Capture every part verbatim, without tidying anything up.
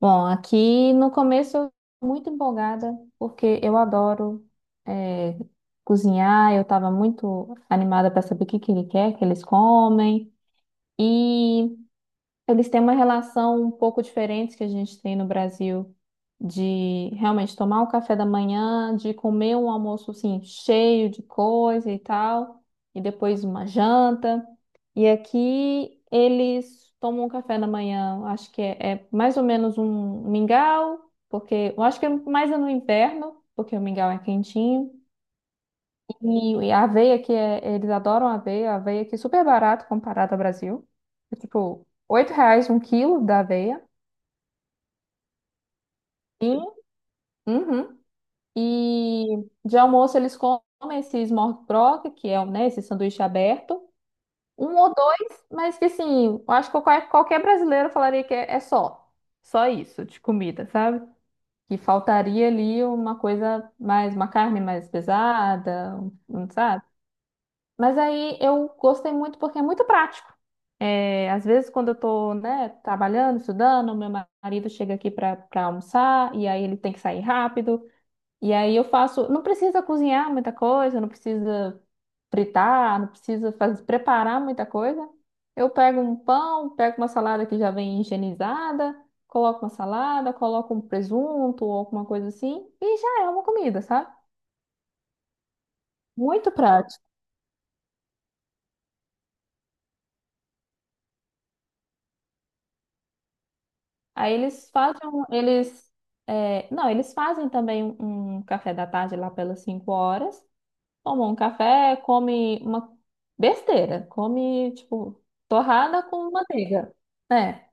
Bom, aqui no começo eu tô muito empolgada, porque eu adoro eh, cozinhar, eu estava muito animada para saber o que que ele quer que eles comem. E eles têm uma relação um pouco diferente que a gente tem no Brasil, de realmente tomar o café da manhã, de comer um almoço assim, cheio de coisa e tal, e depois uma janta. E aqui eles tomam um café da manhã, acho que é, é mais ou menos um mingau, porque eu acho que é mais no inverno, porque o mingau é quentinho. E, e a aveia que é, eles adoram aveia, a aveia que é super barato comparado ao Brasil. É tipo, oito reais um quilo da aveia. E, uhum. E de almoço eles comem esse smorgasbord, que é, um, né, esse sanduíche aberto. Um ou dois, mas que assim, eu acho que qualquer, qualquer brasileiro falaria que é, é só. Só isso de comida, sabe? Que faltaria ali uma coisa mais, uma carne mais pesada, um- um, sabe? Mas aí eu gostei muito porque é muito prático. É, às vezes, quando eu estou, né, trabalhando, estudando, meu marido chega aqui para para almoçar e aí ele tem que sair rápido. E aí eu faço. Não precisa cozinhar muita coisa, não precisa fritar, não precisa fazer, preparar muita coisa. Eu pego um pão, pego uma salada que já vem higienizada, coloco uma salada, coloco um presunto ou alguma coisa assim e já é uma comida, sabe? Muito prático. Aí eles fazem, um- eles, é, não, eles fazem também um um café da tarde lá pelas cinco horas, tomam um café, come uma besteira, come, tipo, torrada com manteiga, né?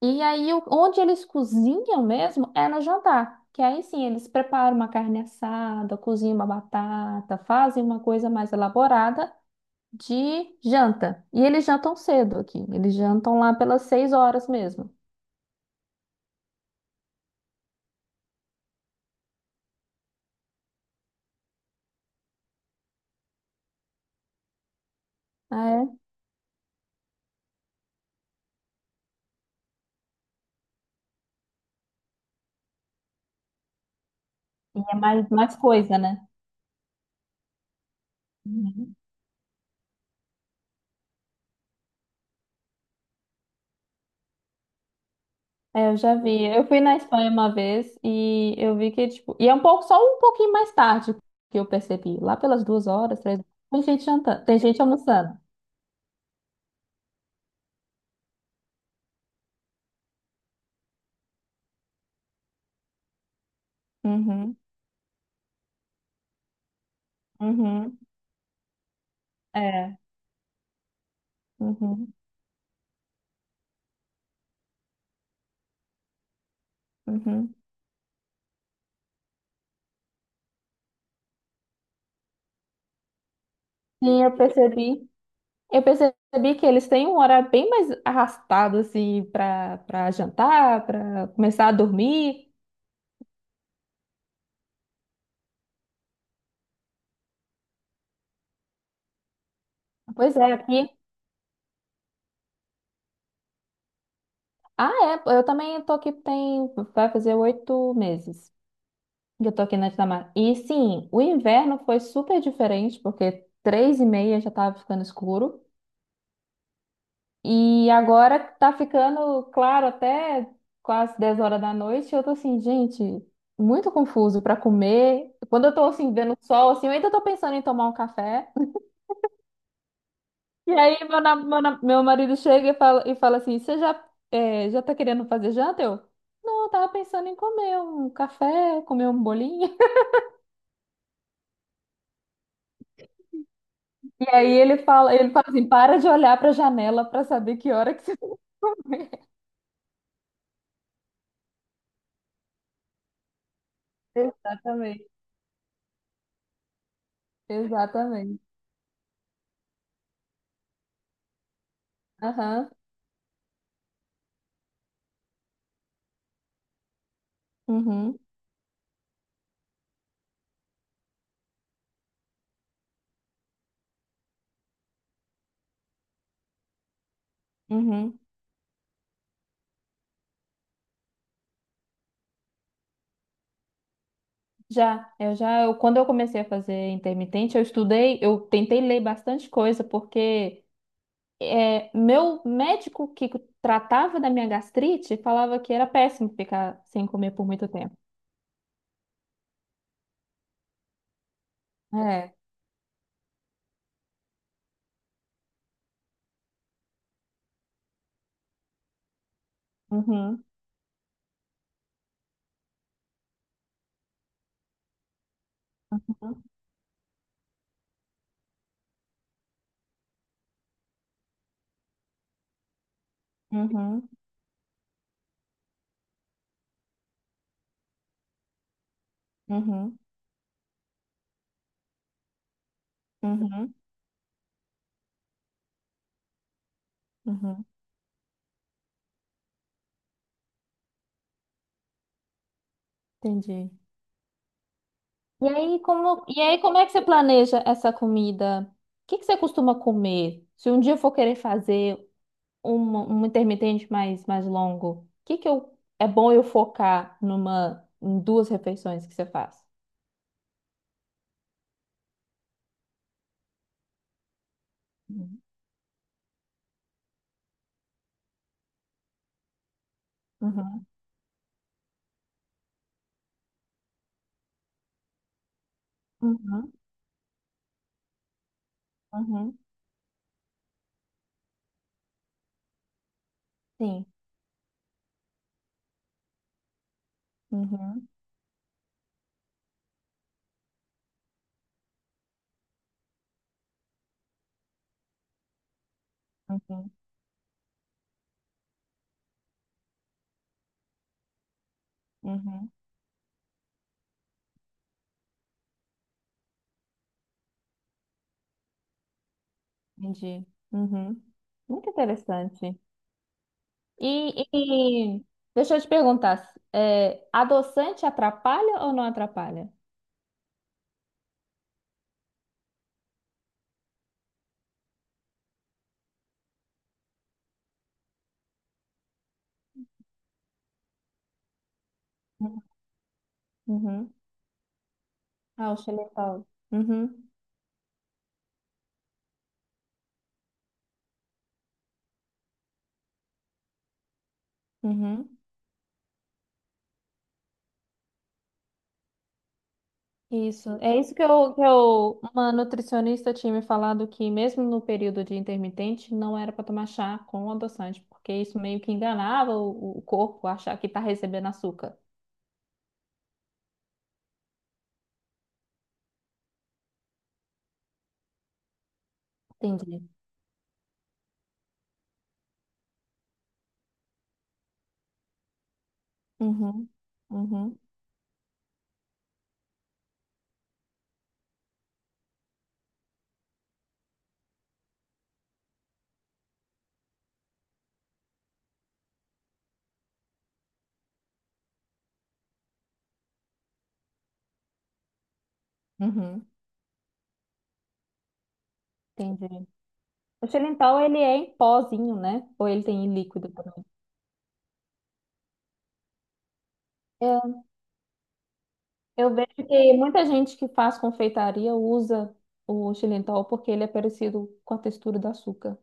E aí, o- onde eles cozinham mesmo é no jantar, que aí sim, eles preparam uma carne assada, cozinham uma batata, fazem uma coisa mais elaborada de janta. E eles jantam cedo aqui, eles jantam lá pelas seis horas mesmo. E é mais, mais coisa, né? Uhum. É, eu já vi. Eu fui na Espanha uma vez e eu vi que, tipo, e é um pouco, só um pouquinho mais tarde que eu percebi. Lá pelas duas horas, três, tem gente jantando, tem gente almoçando. Uhum, uhum, é, uhum, uhum. Sim, eu percebi. Eu percebi que eles têm um horário bem mais arrastado, assim, para para jantar, para começar a dormir. Pois é, aqui. Ah, é, eu também tô aqui, tem, vai fazer oito meses. Eu tô aqui na Dinamarca. E sim, o inverno foi super diferente, porque três e meia já tava ficando escuro. E agora tá ficando claro até quase dez horas da noite. Eu tô assim, gente, muito confuso pra comer. Quando eu tô assim, vendo o sol, assim, eu ainda tô pensando em tomar um café. E aí meu, na- meu, na- meu marido chega e fala, e fala assim: Você já, é, já tá querendo fazer janta? Eu, não, eu tava pensando em comer um café, comer um bolinho. E aí ele fala, ele fala assim, para de olhar para a janela para saber que hora que você vai. Exatamente, exatamente. Aham, uhum, uhum. Já, eu já, eu, quando eu comecei a fazer intermitente, eu estudei, eu tentei ler bastante coisa, porque é, meu médico que tratava da minha gastrite falava que era péssimo ficar sem comer por muito tempo. É, uhum, uhum, uhum, uhum, uhum. Entendi. E aí, como, e aí, como é que você planeja essa comida? O que que você costuma comer? Se um dia eu for querer fazer um, um intermitente mais, mais longo, o que que eu, é bom eu focar numa, em duas refeições que você faz? Uhum, uhum, uhum, uhum, sim, uhum, uhum, uhum, entendi. Uhum. Muito interessante. E, e deixa eu te perguntar, é, adoçante atrapalha ou não atrapalha? Uhum. Ah, o xilitol. Uhum, uhum. Isso. É isso que eu, que eu, uma nutricionista tinha me falado que mesmo no período de intermitente não era para tomar chá com adoçante, porque isso meio que enganava o, o corpo a achar que tá recebendo açúcar. Entendi. Uhum, uhum, uhum. Entendi. O xilitol, ele é em pozinho, né? Ou ele tem em líquido também? É, eu vejo que muita gente que faz confeitaria usa o xilitol porque ele é parecido com a textura do açúcar.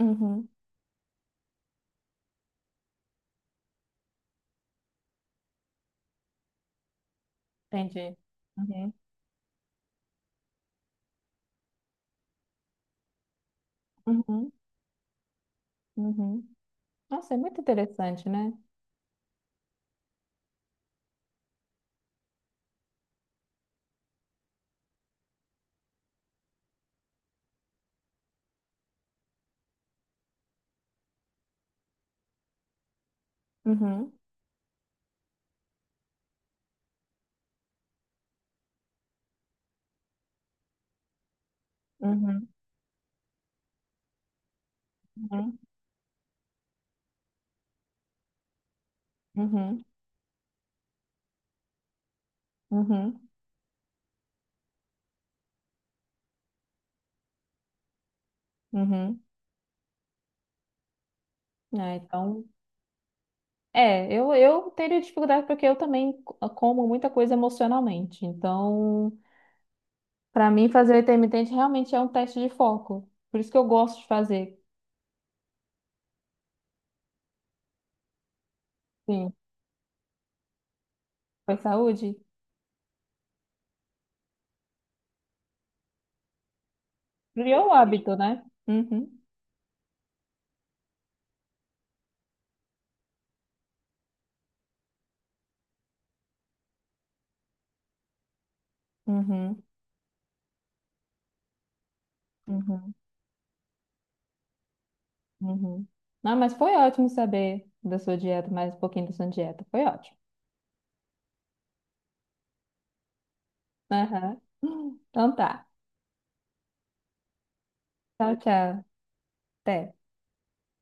Uhum. Entendi. Uhum, uhum, uhum. Nossa, é muito interessante, né? Uhum, uhum, uhum, uhum, uhum, uhum. Ah, então, é, eu, eu teria dificuldade porque eu também co- como muita coisa emocionalmente. Então, para mim, fazer o intermitente realmente é um teste de foco. Por isso que eu gosto de fazer. Sim, foi saúde. Criou o hábito, né? Uhum, uhum, uhum, uhum. Não, mas foi ótimo saber da sua dieta, mais um pouquinho da sua dieta. Foi ótimo. Aham. Então tá. Tchau, tchau. Até.